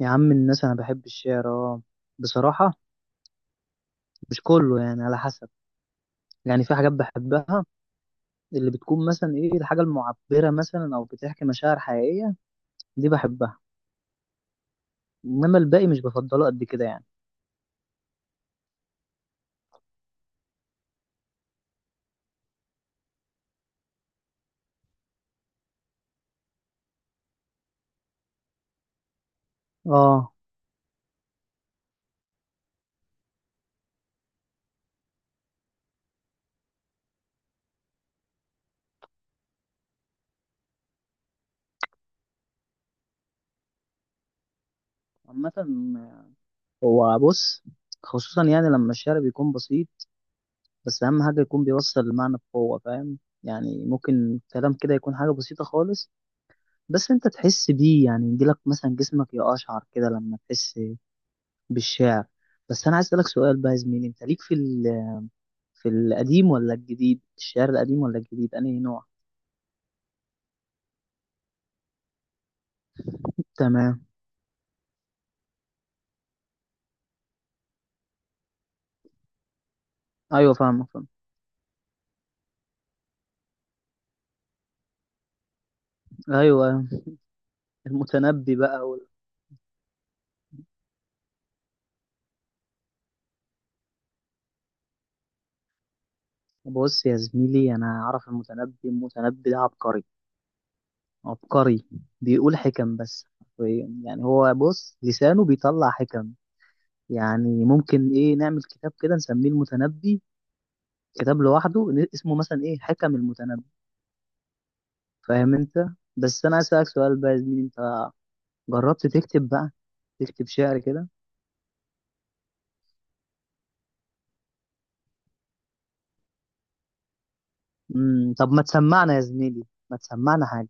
يا عم الناس انا بحب الشعر اه. بصراحه مش كله، يعني على حسب. يعني في حاجات بحبها، اللي بتكون مثلا ايه، الحاجه المعبره مثلا او بتحكي مشاعر حقيقيه، دي بحبها. انما الباقي مش بفضله قد كده يعني. اه عامه، هو بص، خصوصا يعني لما الشعر بيكون بسيط، بس اهم حاجه يكون بيوصل المعنى بقوه، فاهم؟ يعني ممكن كلام كده يكون حاجه بسيطه خالص، بس انت تحس بيه، يعني يجيلك مثلا جسمك يقشعر كده لما تحس بالشعر. بس انا عايز اسالك سؤال بقى يا زميلي، انت ليك في في القديم ولا الجديد؟ الشعر القديم ولا الجديد، انهي نوع؟ تمام. ايوه، فاهمك فاهم. ايوه، المتنبي بقى وال... بص يا زميلي، انا اعرف المتنبي. المتنبي ده عبقري، عبقري. بيقول حكم بس حرفياً. يعني هو بص، لسانه بيطلع حكم. يعني ممكن ايه، نعمل كتاب كده نسميه المتنبي، كتاب لوحده اسمه مثلا ايه، حكم المتنبي. فاهم انت؟ بس انا عايز اسالك سؤال بقى يا زميلي، انت جربت تكتب بقى، تكتب شعر كده؟ امم، طب ما تسمعنا يا زميلي، ما تسمعنا حاجة.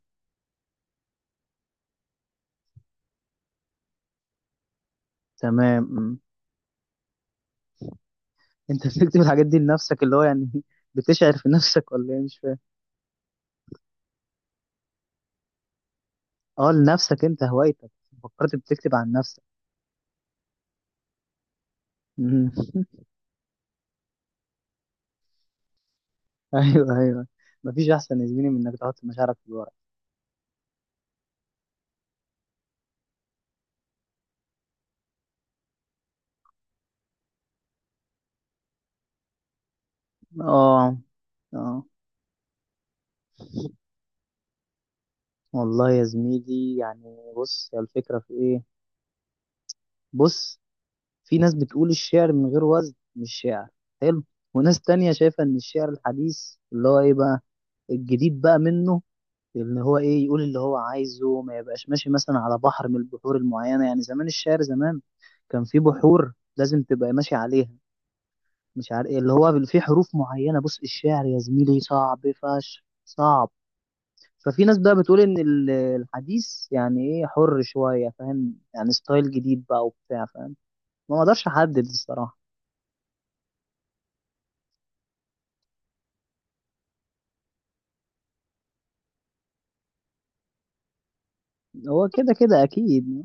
تمام انت بتكتب الحاجات دي لنفسك، اللي هو يعني بتشعر في نفسك ولا ايه، مش فاهم. اه، لنفسك انت، هوايتك. فكرت بتكتب عن نفسك؟ مم. ايوه ايوه. مفيش احسن يا زميلي من انك تحط مشاعرك في الورق. اه اه. والله يا زميلي، يعني بص، هي الفكرة في ايه. بص، في ناس بتقول الشعر من غير وزن مش شعر، حلو. وناس تانية شايفة ان الشعر الحديث اللي هو ايه بقى، الجديد بقى منه، اللي هو ايه، يقول اللي هو عايزه، ما يبقاش ماشي مثلا على بحر من البحور المعينة. يعني زمان الشعر، زمان كان في بحور لازم تبقى ماشي عليها، مش عارف ايه، اللي هو في حروف معينة. بص الشعر يا زميلي صعب فشخ، صعب. ففي ناس بقى بتقول ان الحديث يعني ايه، حر شوية فاهم، يعني ستايل جديد بقى وبتاع، فاهم. ما اقدرش احدد الصراحة. هو كده كده اكيد.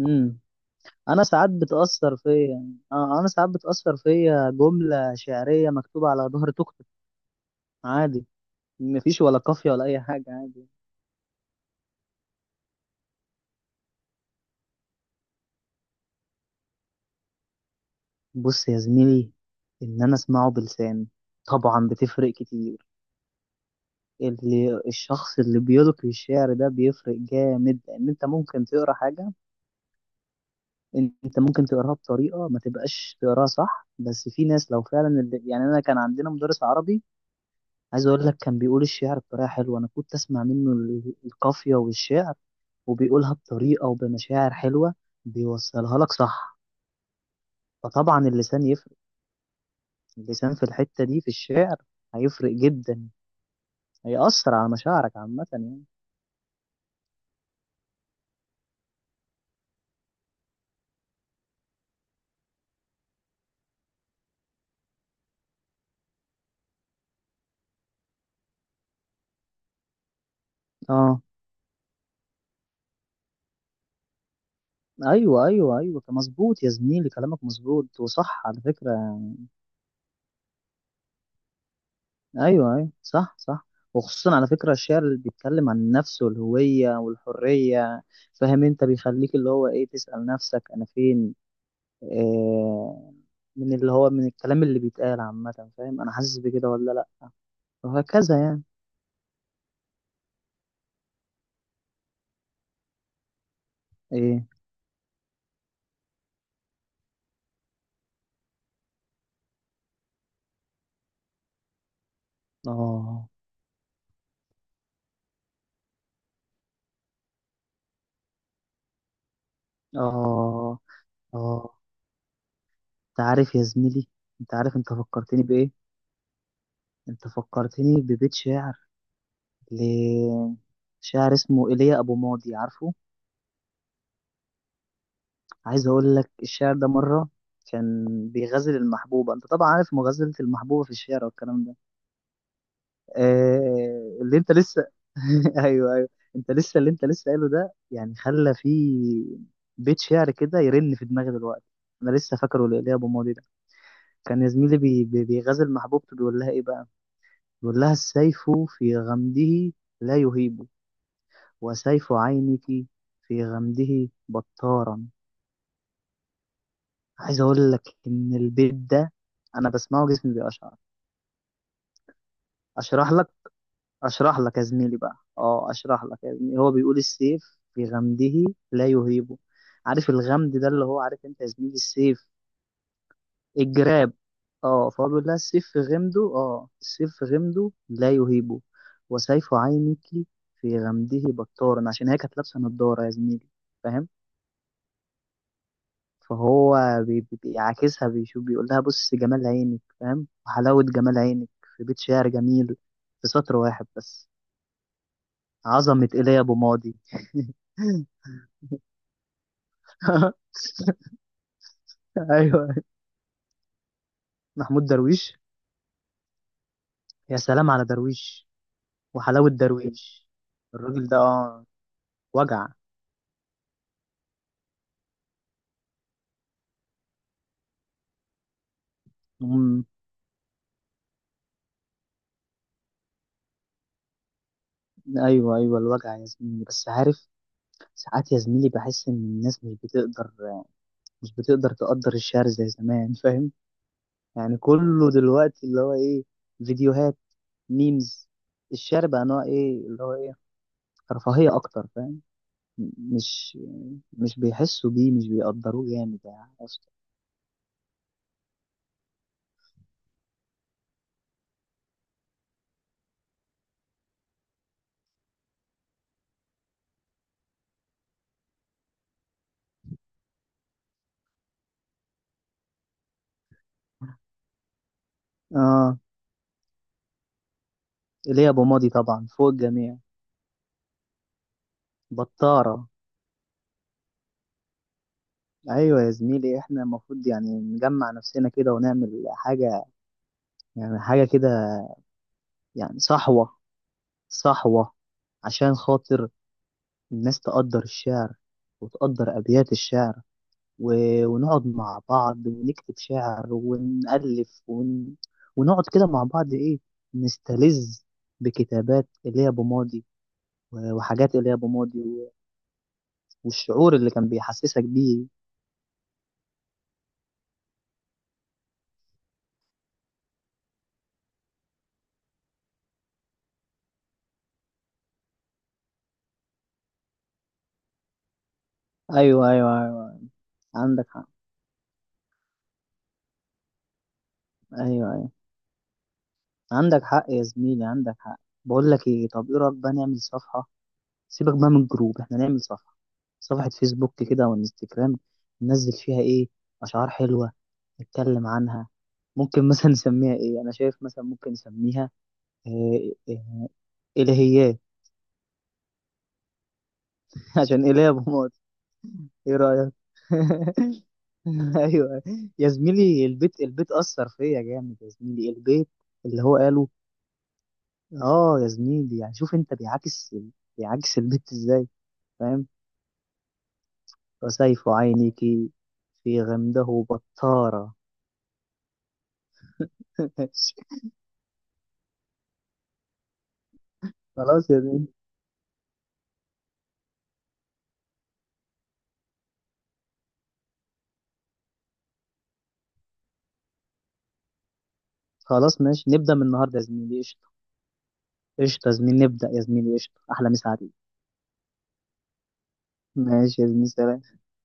امم. انا ساعات بتاثر فيا، اه انا ساعات بتاثر فيا جمله شعريه مكتوبه على ظهر توك توك. عادي، مفيش ولا قافيه ولا اي حاجه، عادي. بص يا زميلي، ان انا اسمعه بلسان، طبعا بتفرق كتير. اللي الشخص اللي بيلقي الشعر ده بيفرق جامد، لان انت ممكن تقرا حاجه، انت ممكن تقراها بطريقه ما تبقاش تقراها صح. بس في ناس لو فعلا يعني انا كان عندنا مدرس عربي، عايز اقول لك، كان بيقول الشعر بطريقه حلوه، انا كنت اسمع منه القافيه والشعر، وبيقولها بطريقه وبمشاعر حلوه، بيوصلها لك صح. فطبعا اللسان يفرق، اللسان في الحته دي في الشعر هيفرق جدا، هيأثر على مشاعرك عامه يعني. اه ايوه ايوه ايوه، مظبوط يا زميلي، كلامك مظبوط وصح على فكره. ايوه ايوه صح صح. وخصوصا على فكره الشعر اللي بيتكلم عن النفس والهويه والحريه، فاهم انت، بيخليك اللي هو ايه، تسأل نفسك انا فين، آه، من اللي هو من الكلام اللي بيتقال عامة، فاهم، أنا حاسس بكده ولا لأ، وهكذا يعني. إيه؟ آه آه آه، أنت عارف يا زميلي، أنت عارف أنت فكرتني بإيه، أنت فكرتني ببيت شعر ل- شاعر اسمه إيليا أبو ماضي، عارفه. عايز أقول لك الشعر ده مرة، كان بيغزل المحبوبة، أنت طبعا عارف مغازلة المحبوبة في الشعر والكلام ده. آه اللي انت لسه، ايوه ايوه. انت لسه، اللي انت لسه قايله ده يعني خلى فيه بيت شعر كده يرن في دماغي دلوقتي. انا لسه فاكره ليا ابو ماضي ده، كان يا زميلي بي بي بيغازل محبوبته، بيقول لها ايه بقى، بيقول لها: السيف في غمده لا يهيب، وسيف عينك في غمده بطارا. عايز اقول لك ان البيت ده، انا بسمعه جسمي بيقشعر. اشرح لك، اشرح لك يا زميلي بقى، اه اشرح لك يا زميلي، هو بيقول السيف في غمده لا يهيبه. عارف الغمد ده، اللي هو عارف انت يا زميلي، السيف، الجراب. اه، فهو بيقول لها السيف في غمده، اه السيف في غمده لا يهيبه، وسيف عينك في غمده بطارا، عشان هي كانت لابسه نضاره يا زميلي فاهم. فهو بيعاكسها، بيشوف بيقول لها بص جمال عينك فاهم، وحلاوة جمال عينك في بيت شعر جميل، في سطر واحد بس. عظمة إيليا أبو ماضي. ايوه، محمود درويش، يا سلام على درويش، وحلاوة درويش. الراجل ده اه، وجع. مم. ايوه ايوه الوجع يا زميلي، بس عارف ساعات يا زميلي بحس ان الناس مش بتقدر، مش بتقدر تقدر الشعر زي زمان فاهم. يعني كله دلوقتي اللي هو ايه، فيديوهات، ميمز. الشعر بقى نوع ايه، اللي هو ايه، رفاهية اكتر فاهم. مش مش بيحسوا بيه، مش بيقدروه جامد يعني أصلاً. اه ليه، يا ابو ماضي طبعا فوق الجميع، بطارة. ايوه يا زميلي، احنا المفروض يعني نجمع نفسنا كده ونعمل حاجة، يعني حاجة كده، يعني صحوة، صحوة، عشان خاطر الناس تقدر الشعر، وتقدر ابيات الشعر، و… ونقعد مع بعض ونكتب شعر ونألف ون… ونقعد كده مع بعض ايه، نستلذ بكتابات ايليا ابو ماضي، وحاجات ايليا ابو ماضي و… والشعور اللي كان بيحسسك بيه. ايوه ايوه ايوه عندك حق. ايوه ايوه عندك حق يا زميلي، عندك حق. بقول لك ايه، طب ايه رايك بقى نعمل صفحه، سيبك بقى من الجروب، احنا نعمل صفحه، صفحه فيسبوك كده وانستجرام، ننزل فيها ايه، اشعار حلوه، نتكلم عنها. ممكن مثلا نسميها ايه، انا شايف مثلا ممكن نسميها إيه إيه، الهيات. عشان اله يا ابو مات. ايه رايك؟ ايوه يا زميلي، البيت، البيت اثر فيا جامد يا زميلي، البيت اللي هو قاله. اه يا زميلي يعني شوف انت، بيعكس، بيعكس البيت ازاي، فاهم، وسيف عينك في غمده بطارة. ماشي. خلاص يا زميلي. خلاص ماشي نبدأ من النهارده يا زميلي، قشطة. قشطة يا زميلي، نبدأ يا زميلي، قشطة، أحلى مسا عليك. ماشي يا زميلي، سلام.